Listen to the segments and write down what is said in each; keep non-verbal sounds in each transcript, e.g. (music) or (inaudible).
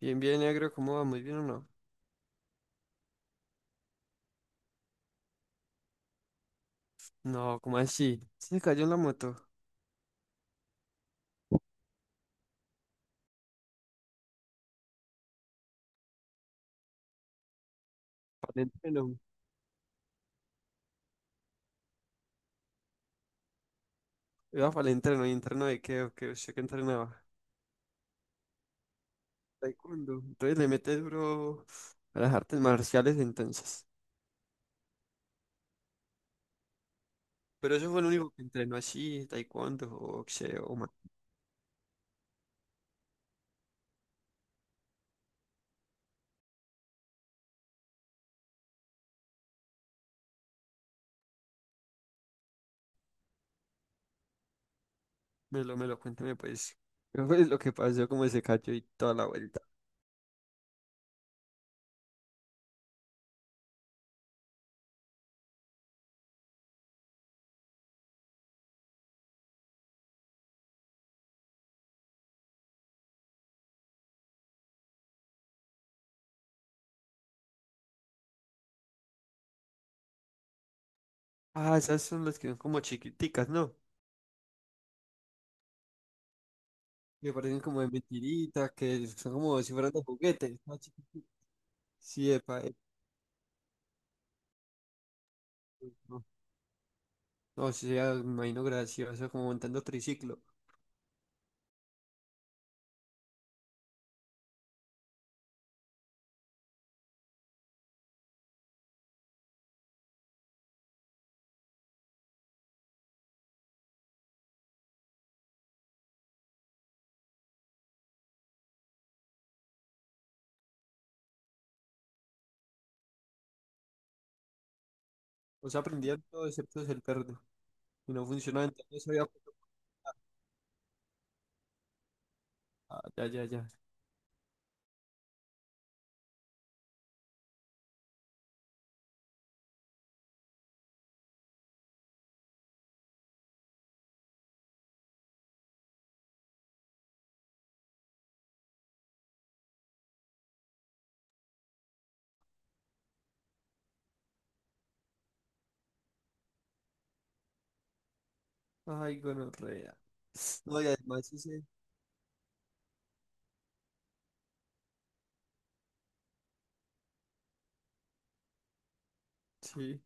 Bien, bien, negro, ¿cómo va? ¿Muy bien o no? No, ¿cómo así? Se cayó en la moto. Para el entreno. Iba para el entreno y entreno de qué, o qué, usted qué entrenaba. Taekwondo. Entonces le mete duro a las artes marciales entonces. Pero eso fue lo único que entrenó así, taekwondo, boxeo, o me lo cuéntame pues. ¿Qué fue lo que pasó, cómo se cayó y toda la vuelta? Ah, esas son las que son como chiquiticas, ¿no? Que parecen como de mentiritas, que son como si fueran de juguetes, más chiquititas. Sí, epa, epa. O sea, me imagino gracioso, como montando triciclo. O sea, aprendían todo excepto el perro. Y no funcionaba, entonces había... Ah, ya, ya, ya. Ay, gonorrea. No, y además ese... Sí.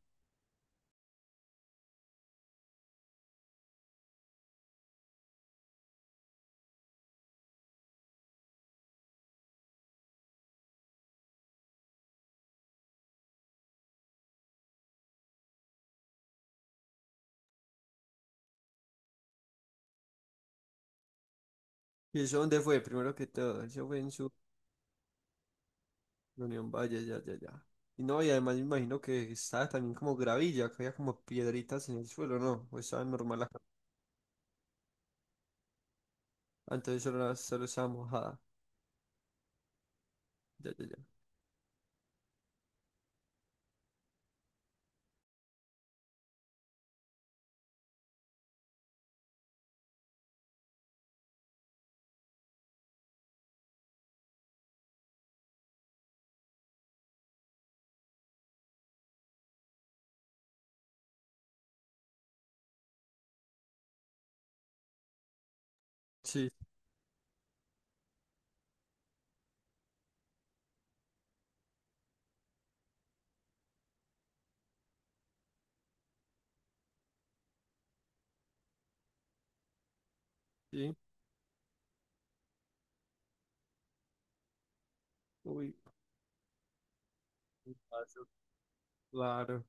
¿Y eso dónde fue? Primero que todo, eso fue en su Unión Valle, ya, ya, ya. Y no, y además me imagino que estaba también como gravilla, que había como piedritas en el suelo, ¿no? O estaba normal acá. Ah, entonces solo, solo estaba mojada. Ya, ya, ya. Sí, sí. Uy, qué paso, claro.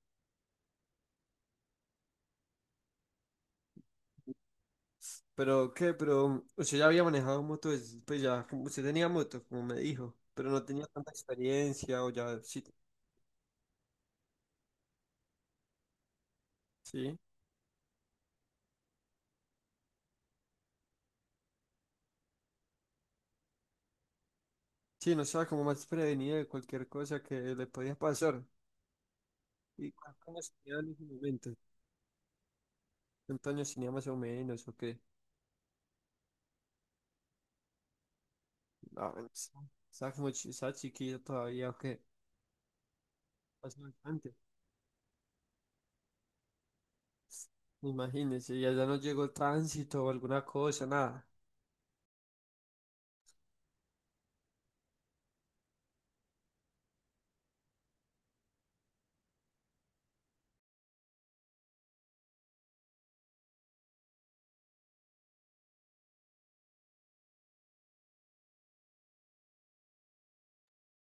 Pero, ¿qué? Pero o sea ya había manejado moto, pues ya, usted tenía moto, como me dijo, pero no tenía tanta experiencia o ya, sí, sí, sí, no estaba como más prevenida de cualquier cosa que le podía pasar. ¿Y cuántos años tenía en ese momento? ¿Cuántos años tenía más o menos o qué? No, no sé. Estaba como estaba chiquilla todavía o qué, hace bastante. Imagínese, ya, ya no llegó el tránsito o alguna cosa, nada.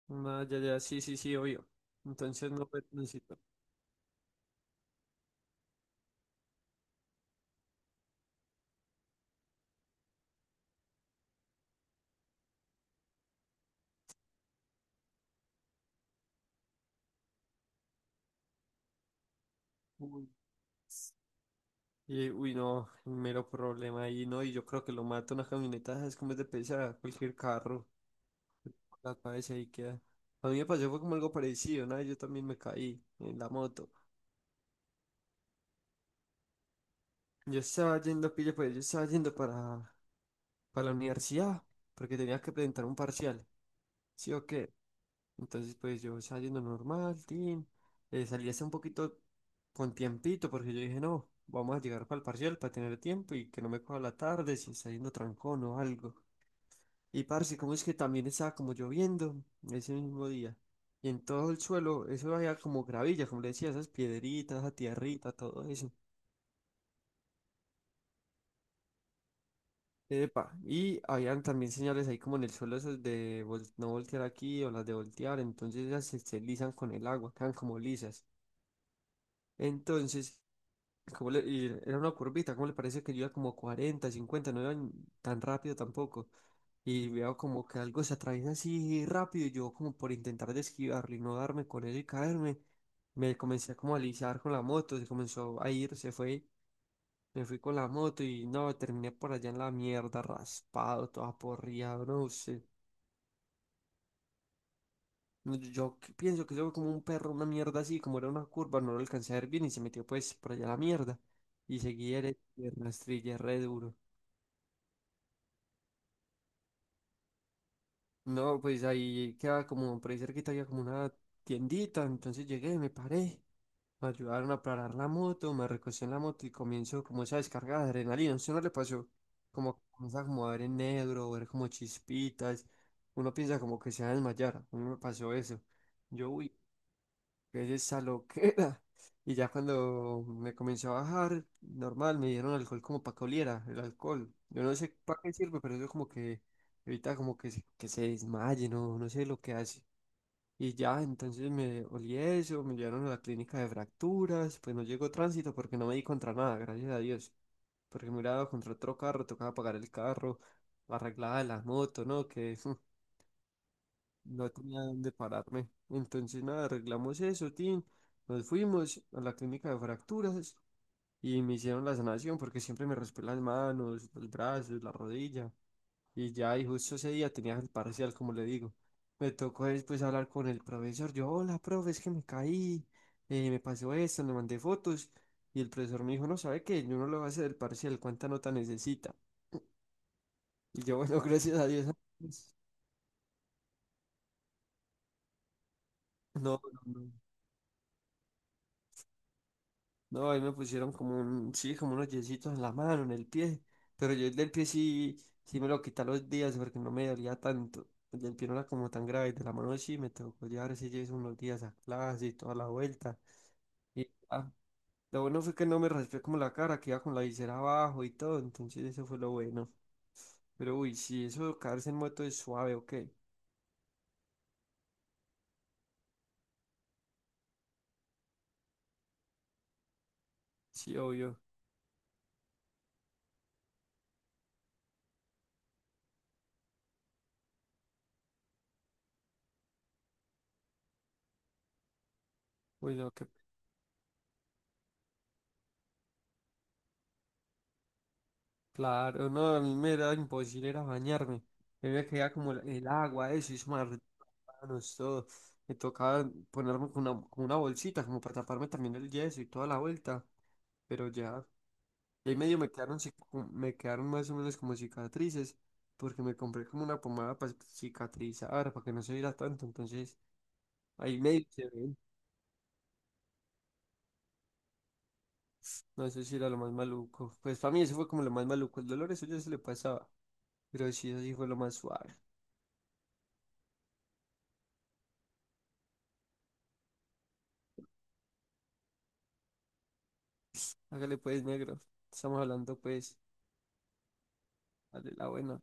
Nada, ya, ya, sí, sí, sí, obvio. Entonces no fue tránsito. Uy. Y, uy, no, mero problema ahí, ¿no? Y yo creo que lo mata una camioneta, es como es de pesar, cualquier carro, la cabeza ahí queda. A mí me pasó fue como algo parecido, ¿no? Yo también me caí en la moto. Yo estaba yendo, pilla, pues yo estaba yendo para la universidad, porque tenía que presentar un parcial, ¿sí o qué? Entonces, pues yo estaba yendo normal, tin, salí hace un poquito con tiempito, porque yo dije, no, vamos a llegar para el parcial para tener tiempo y que no me coja la tarde si está yendo trancón o algo. Y parce, como es que también estaba como lloviendo ese mismo día. Y en todo el suelo, eso había como gravilla, como le decía, esas piedritas, esa tierrita, todo eso. Epa, y habían también señales ahí como en el suelo esas de no voltear aquí o las de voltear, entonces ellas se, se lisan con el agua, quedan como lisas. Entonces ¿cómo y era una curvita, ¿cómo le parece que yo iba como 40 cincuenta? No iba ni tan rápido tampoco. Y veo como que algo se atraviesa así rápido y yo como por intentar de esquivarlo y no darme con él y caerme, me comencé a como a alisar con la moto, se comenzó a ir, se fue, me fui con la moto y no, terminé por allá en la mierda, raspado, todo aporreado, no sé. No, yo que pienso que eso fue como un perro, una mierda así, como era una curva, no lo alcancé a ver bien y se metió pues por allá a la mierda. Y seguí derecho, piernas, trillé re duro. No, pues ahí queda como, por ahí cerquita había como una tiendita, entonces llegué, me paré, me ayudaron a parar la moto, me recosté en la moto y comienzo como esa descarga de adrenalina, ¿usted no le pasó? Como comienza como a ver en negro, ver como chispitas, uno piensa como que se va a desmayar, a mí me pasó eso. Yo, uy, es esa loquera. (laughs) Y ya cuando me comenzó a bajar, normal, me dieron alcohol como para que oliera, el alcohol. Yo no sé para qué sirve, pero eso como que evita como que, que se desmaye, no, no sé lo que hace. Y ya, entonces me olí eso, me llevaron a la clínica de fracturas, pues no llegó tránsito porque no me di contra nada, gracias a Dios. Porque me hubiera dado contra otro carro, tocaba pagar el carro, arreglaba la moto, ¿no? Que (laughs) no tenía dónde pararme. Entonces, nada, arreglamos eso, tin. Nos fuimos a la clínica de fracturas y me hicieron la sanación porque siempre me raspé las manos, los brazos, la rodilla. Y ya, y justo ese día tenía el parcial, como le digo. Me tocó después hablar con el profesor. Yo, hola, profe, es que me caí, me pasó esto, le mandé fotos. Y el profesor me dijo, no, ¿sabe qué? Yo no lo voy a hacer el parcial, ¿cuánta nota necesita? Y yo, bueno, (laughs) gracias a Dios. (laughs) No, no, no. No, ahí me pusieron como un, sí, como unos yesitos en la mano, en el pie. Pero yo el del pie sí, sí me lo quité a los días porque no me dolía tanto. El del pie no era como tan grave. De la mano sí me tocó llevar ese yeso unos días a clase y toda la vuelta. Y lo bueno fue que no me raspé como la cara, que iba con la visera abajo y todo. Entonces eso fue lo bueno. Pero uy, sí, eso de caerse en moto es suave, ¿o qué? Sí, obvio. Uy, no, que claro, no, a mí me era imposible era bañarme. A mí me caía como el agua, eso, y eso me... Ah, no, esto me tocaba ponerme con una bolsita como para taparme también el yeso y toda la vuelta, pero ya, y ahí medio me quedaron, me quedaron más o menos como cicatrices, porque me compré como una pomada para cicatrizar, para que no se viera tanto, entonces ahí medio se ven, no sé si era lo más maluco, pues para mí eso fue como lo más maluco, el dolor eso ya se le pasaba, pero sí, eso sí fue lo más suave, hágale pues negro, estamos hablando pues, dale la buena.